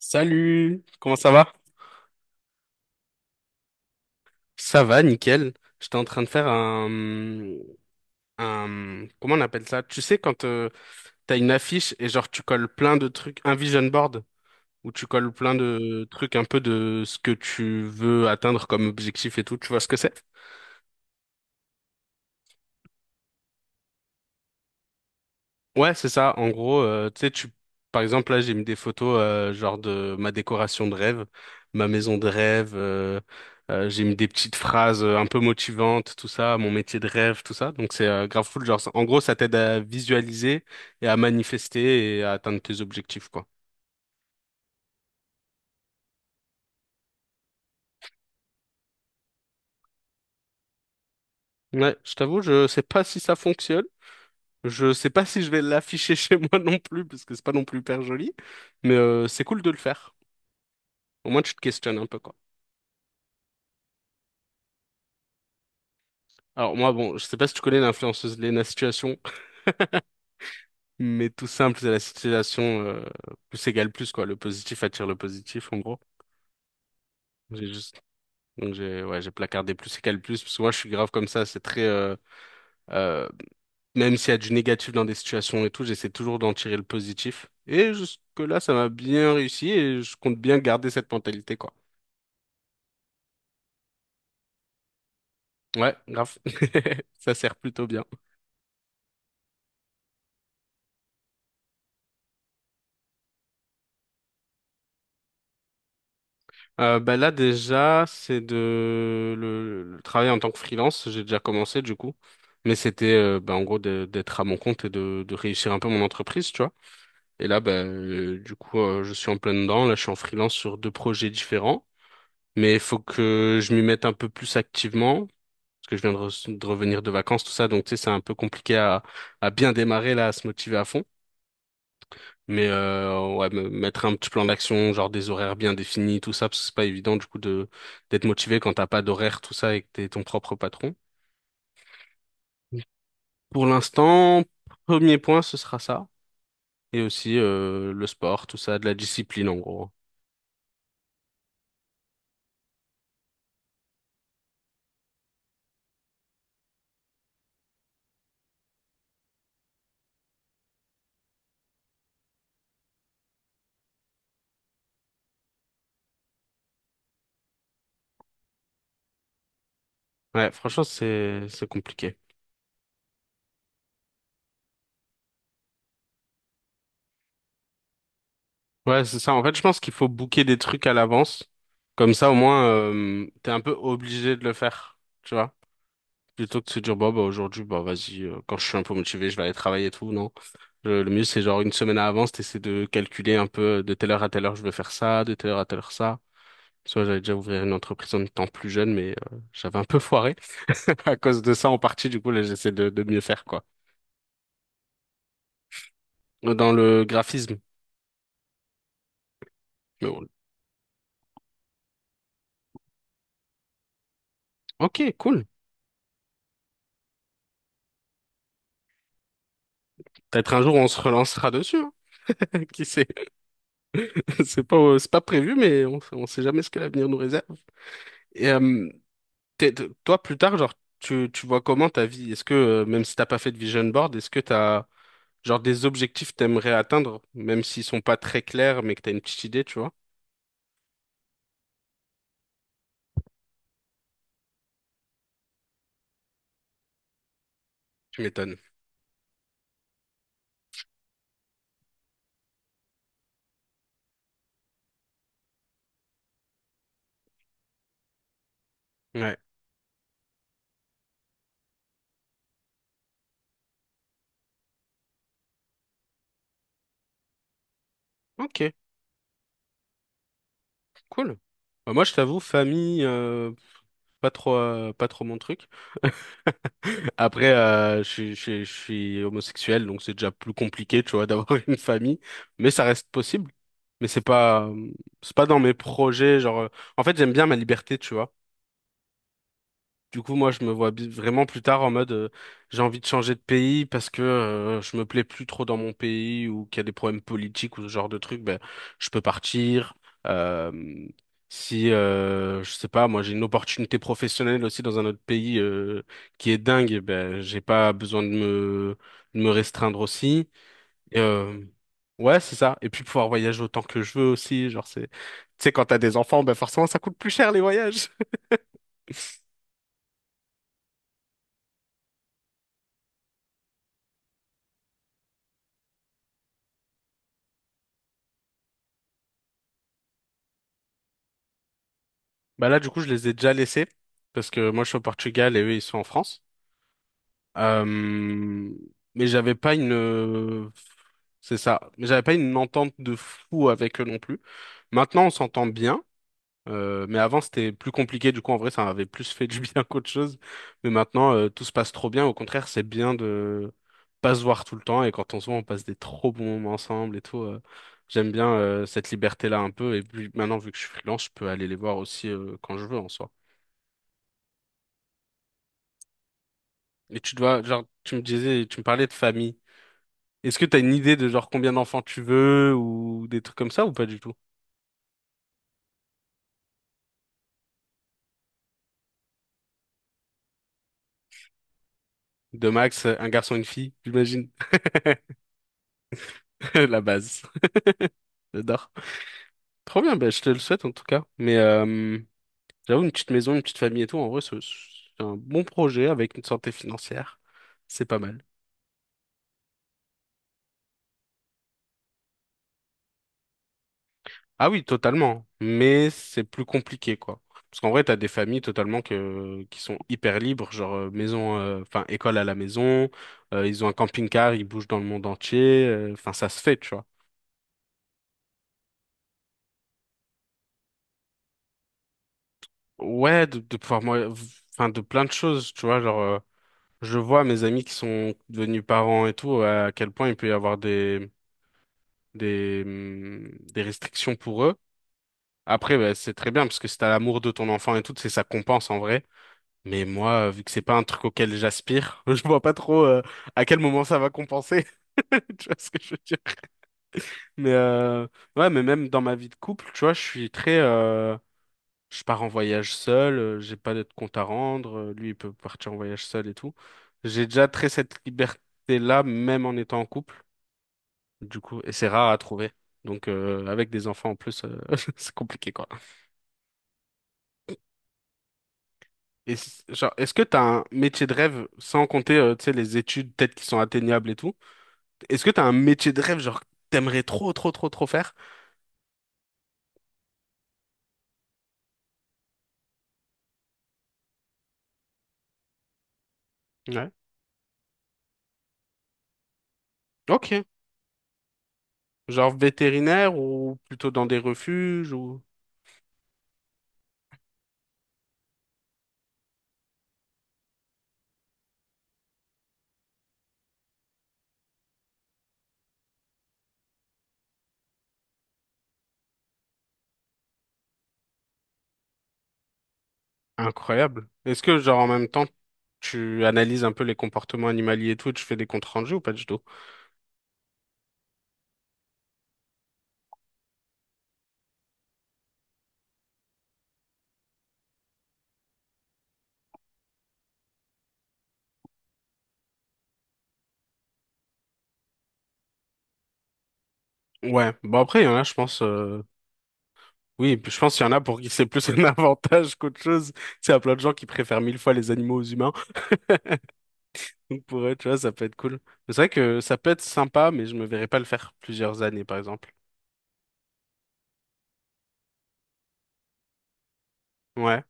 Salut, comment ça va? Ça va, nickel. J'étais en train de faire un, comment on appelle ça? Tu sais, quand t'as une affiche et genre tu colles plein de trucs, un vision board, où tu colles plein de trucs un peu de ce que tu veux atteindre comme objectif et tout, tu vois ce que c'est? Ouais, c'est ça. En gros, tu sais, tu, par exemple, là, j'ai mis des photos genre de ma décoration de rêve, ma maison de rêve. J'ai mis des petites phrases un peu motivantes, tout ça, mon métier de rêve, tout ça. Donc c'est grave cool. Genre, en gros, ça t'aide à visualiser et à manifester et à atteindre tes objectifs, quoi. Ouais, je t'avoue, je sais pas si ça fonctionne. Je sais pas si je vais l'afficher chez moi non plus, parce que c'est pas non plus hyper joli. Mais c'est cool de le faire. Au moins, tu te questionnes un peu, quoi. Alors moi, bon, je sais pas si tu connais l'influenceuse Lena Situation, mais tout simple, c'est la situation plus égale plus, quoi. Le positif attire le positif, en gros. J'ai juste, donc j'ai, ouais, j'ai placardé plus égale plus, parce que moi, je suis grave comme ça. C'est très, euh, même s'il y a du négatif dans des situations et tout, j'essaie toujours d'en tirer le positif. Et jusque-là, ça m'a bien réussi et je compte bien garder cette mentalité, quoi. Ouais, grave. Ça sert plutôt bien. Bah là déjà, c'est de le travail en tant que freelance. J'ai déjà commencé du coup, mais c'était en gros d'être à mon compte et de réussir un peu mon entreprise, tu vois. Et là, je suis en plein dedans. Là, je suis en freelance sur deux projets différents, mais il faut que je m'y mette un peu plus activement parce que je viens de revenir de vacances, tout ça. Donc tu sais, c'est un peu compliqué à bien démarrer là, à se motiver à fond. Mais ouais, me mettre un petit plan d'action, genre des horaires bien définis, tout ça, parce que c'est pas évident du coup de d'être motivé quand t'as pas d'horaire, tout ça, et que t'es ton propre patron. Pour l'instant, premier point, ce sera ça. Et aussi le sport, tout ça, de la discipline en gros. Ouais, franchement, c'est compliqué. Ouais, c'est ça. En fait, je pense qu'il faut booker des trucs à l'avance. Comme ça, au moins, t'es un peu obligé de le faire. Tu vois. Plutôt que de se dire, bah aujourd'hui, bah vas-y, quand je suis un peu motivé, je vais aller travailler et tout, non. Le mieux, c'est genre une semaine à avance, t'essaies de calculer un peu de telle heure à telle heure, je veux faire ça, de telle heure à telle heure, ça. Soit j'avais déjà ouvert une entreprise en étant plus jeune, mais j'avais un peu foiré à cause de ça en partie, du coup, là, j'essaie de mieux faire, quoi. Dans le graphisme. Mais bon, ok, cool. Peut-être un jour, on se relancera dessus, hein. Qui sait? C'est pas prévu, mais on sait jamais ce que l'avenir nous réserve. Et, euh, Toi, plus tard, genre, tu vois comment ta vie? Est-ce que, même si t'as pas fait de vision board, est-ce que t'as, genre, des objectifs que t'aimerais atteindre, même s'ils sont pas très clairs, mais que t'as une petite idée, tu vois? Tu m'étonnes. Ouais. Ok, cool. Bah, moi, je t'avoue, famille, pas trop, pas trop mon truc. Après, je suis homosexuel, donc c'est déjà plus compliqué, tu vois, d'avoir une famille, mais ça reste possible. Mais c'est pas dans mes projets, genre, en fait, j'aime bien ma liberté, tu vois. Du coup, moi, je me vois vraiment plus tard en mode, j'ai envie de changer de pays parce que je me plais plus trop dans mon pays ou qu'il y a des problèmes politiques ou ce genre de trucs, ben, je peux partir. Euh, si, je sais pas, moi, j'ai une opportunité professionnelle aussi dans un autre pays qui est dingue, ben, j'ai pas besoin de de me restreindre aussi. Et, euh, ouais, c'est ça. Et puis pouvoir voyager autant que je veux aussi. Genre, c'est, tu sais, quand t'as des enfants, ben, forcément, ça coûte plus cher les voyages. Bah là, du coup, je les ai déjà laissés parce que moi, je suis au Portugal et eux, ils sont en France. Euh, mais j'avais pas une, c'est ça. Mais j'avais pas une entente de fou avec eux non plus. Maintenant, on s'entend bien. Mais avant, c'était plus compliqué. Du coup, en vrai, ça m'avait plus fait du bien qu'autre chose. Mais maintenant, tout se passe trop bien. Au contraire, c'est bien de pas se voir tout le temps. Et quand on se voit, on passe des trop bons moments ensemble et tout. J'aime bien cette liberté-là un peu. Et puis maintenant, vu que je suis freelance, je peux aller les voir aussi quand je veux en soi. Et tu dois, genre, tu me disais, tu me parlais de famille. Est-ce que t'as une idée de genre combien d'enfants tu veux ou des trucs comme ça ou pas du tout? De max, un garçon, une fille, j'imagine. La base. J'adore. Trop bien, bah, je te le souhaite en tout cas. Mais j'avoue, une petite maison, une petite famille et tout, en vrai, c'est un bon projet avec une santé financière. C'est pas mal. Ah oui, totalement. Mais c'est plus compliqué, quoi. Parce qu'en vrai, t'as des familles totalement qui sont hyper libres, genre maison, enfin école à la maison, ils ont un camping-car, ils bougent dans le monde entier, enfin ça se fait, tu vois. Ouais, de pouvoir, moi, enfin de plein de choses, tu vois, genre je vois mes amis qui sont devenus parents et tout, à quel point il peut y avoir des restrictions pour eux. Après, bah, c'est très bien parce que si t'as l'amour de ton enfant et tout, c'est ça compense en vrai. Mais moi, vu que c'est pas un truc auquel j'aspire, je vois pas trop à quel moment ça va compenser. Tu vois ce que je veux dire? Mais ouais, mais même dans ma vie de couple, tu vois, je suis très, je pars en voyage seul, j'ai pas de compte à rendre, lui il peut partir en voyage seul et tout. J'ai déjà très cette liberté-là, même en étant en couple, du coup, et c'est rare à trouver. Donc avec des enfants en plus, c'est compliqué quoi. Et genre, est-ce que t'as un métier de rêve sans compter, tu sais, les études peut-être qui sont atteignables et tout? Est-ce que t'as un métier de rêve, genre, que t'aimerais trop, trop, trop, trop faire? Ouais. Ok. Genre vétérinaire ou plutôt dans des refuges ou... Incroyable. Est-ce que, genre, en même temps, tu analyses un peu les comportements animaliers et tout, et tu fais des comptes rendus ou pas du tout? Ouais. Bon, après, il y en a, je pense... Oui, puis je pense qu'il y en a pour qui c'est plus un avantage qu'autre chose. C'est à plein de gens qui préfèrent mille fois les animaux aux humains. Donc pour eux, tu vois, ça peut être cool. Mais c'est vrai que ça peut être sympa, mais je me verrais pas le faire plusieurs années, par exemple. Ouais.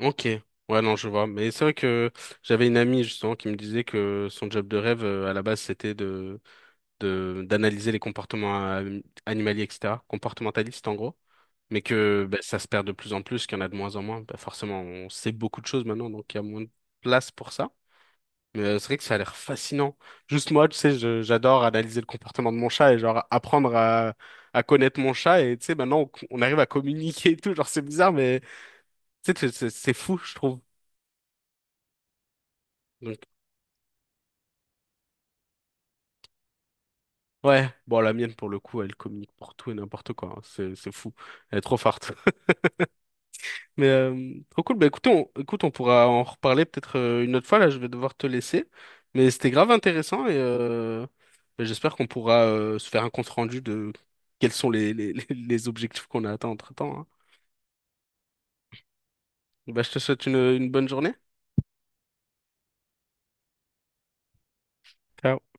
Ok, ouais, non, je vois. Mais c'est vrai que j'avais une amie justement qui me disait que son job de rêve à la base c'était de d'analyser les comportements animaliers, etc., comportementaliste en gros, mais que bah, ça se perd de plus en plus, qu'il y en a de moins en moins. Bah, forcément, on sait beaucoup de choses maintenant, donc il y a moins de place pour ça. Mais c'est vrai que ça a l'air fascinant. Juste moi, tu sais, j'adore analyser le comportement de mon chat et genre apprendre à connaître mon chat et tu sais, maintenant on arrive à communiquer et tout, genre c'est bizarre, mais tu sais, c'est fou, je trouve. Ouais, bon, la mienne, pour le coup, elle communique pour tout et n'importe quoi. Hein. C'est fou. Elle est trop forte. Mais trop cool. Bah, écoutez, écoute, on pourra en reparler peut-être une autre fois. Là, je vais devoir te laisser. Mais c'était grave intéressant et bah, j'espère qu'on pourra se faire un compte-rendu de quels sont les objectifs qu'on a atteints entre-temps. Hein. Bah, je te souhaite une bonne journée. Ciao.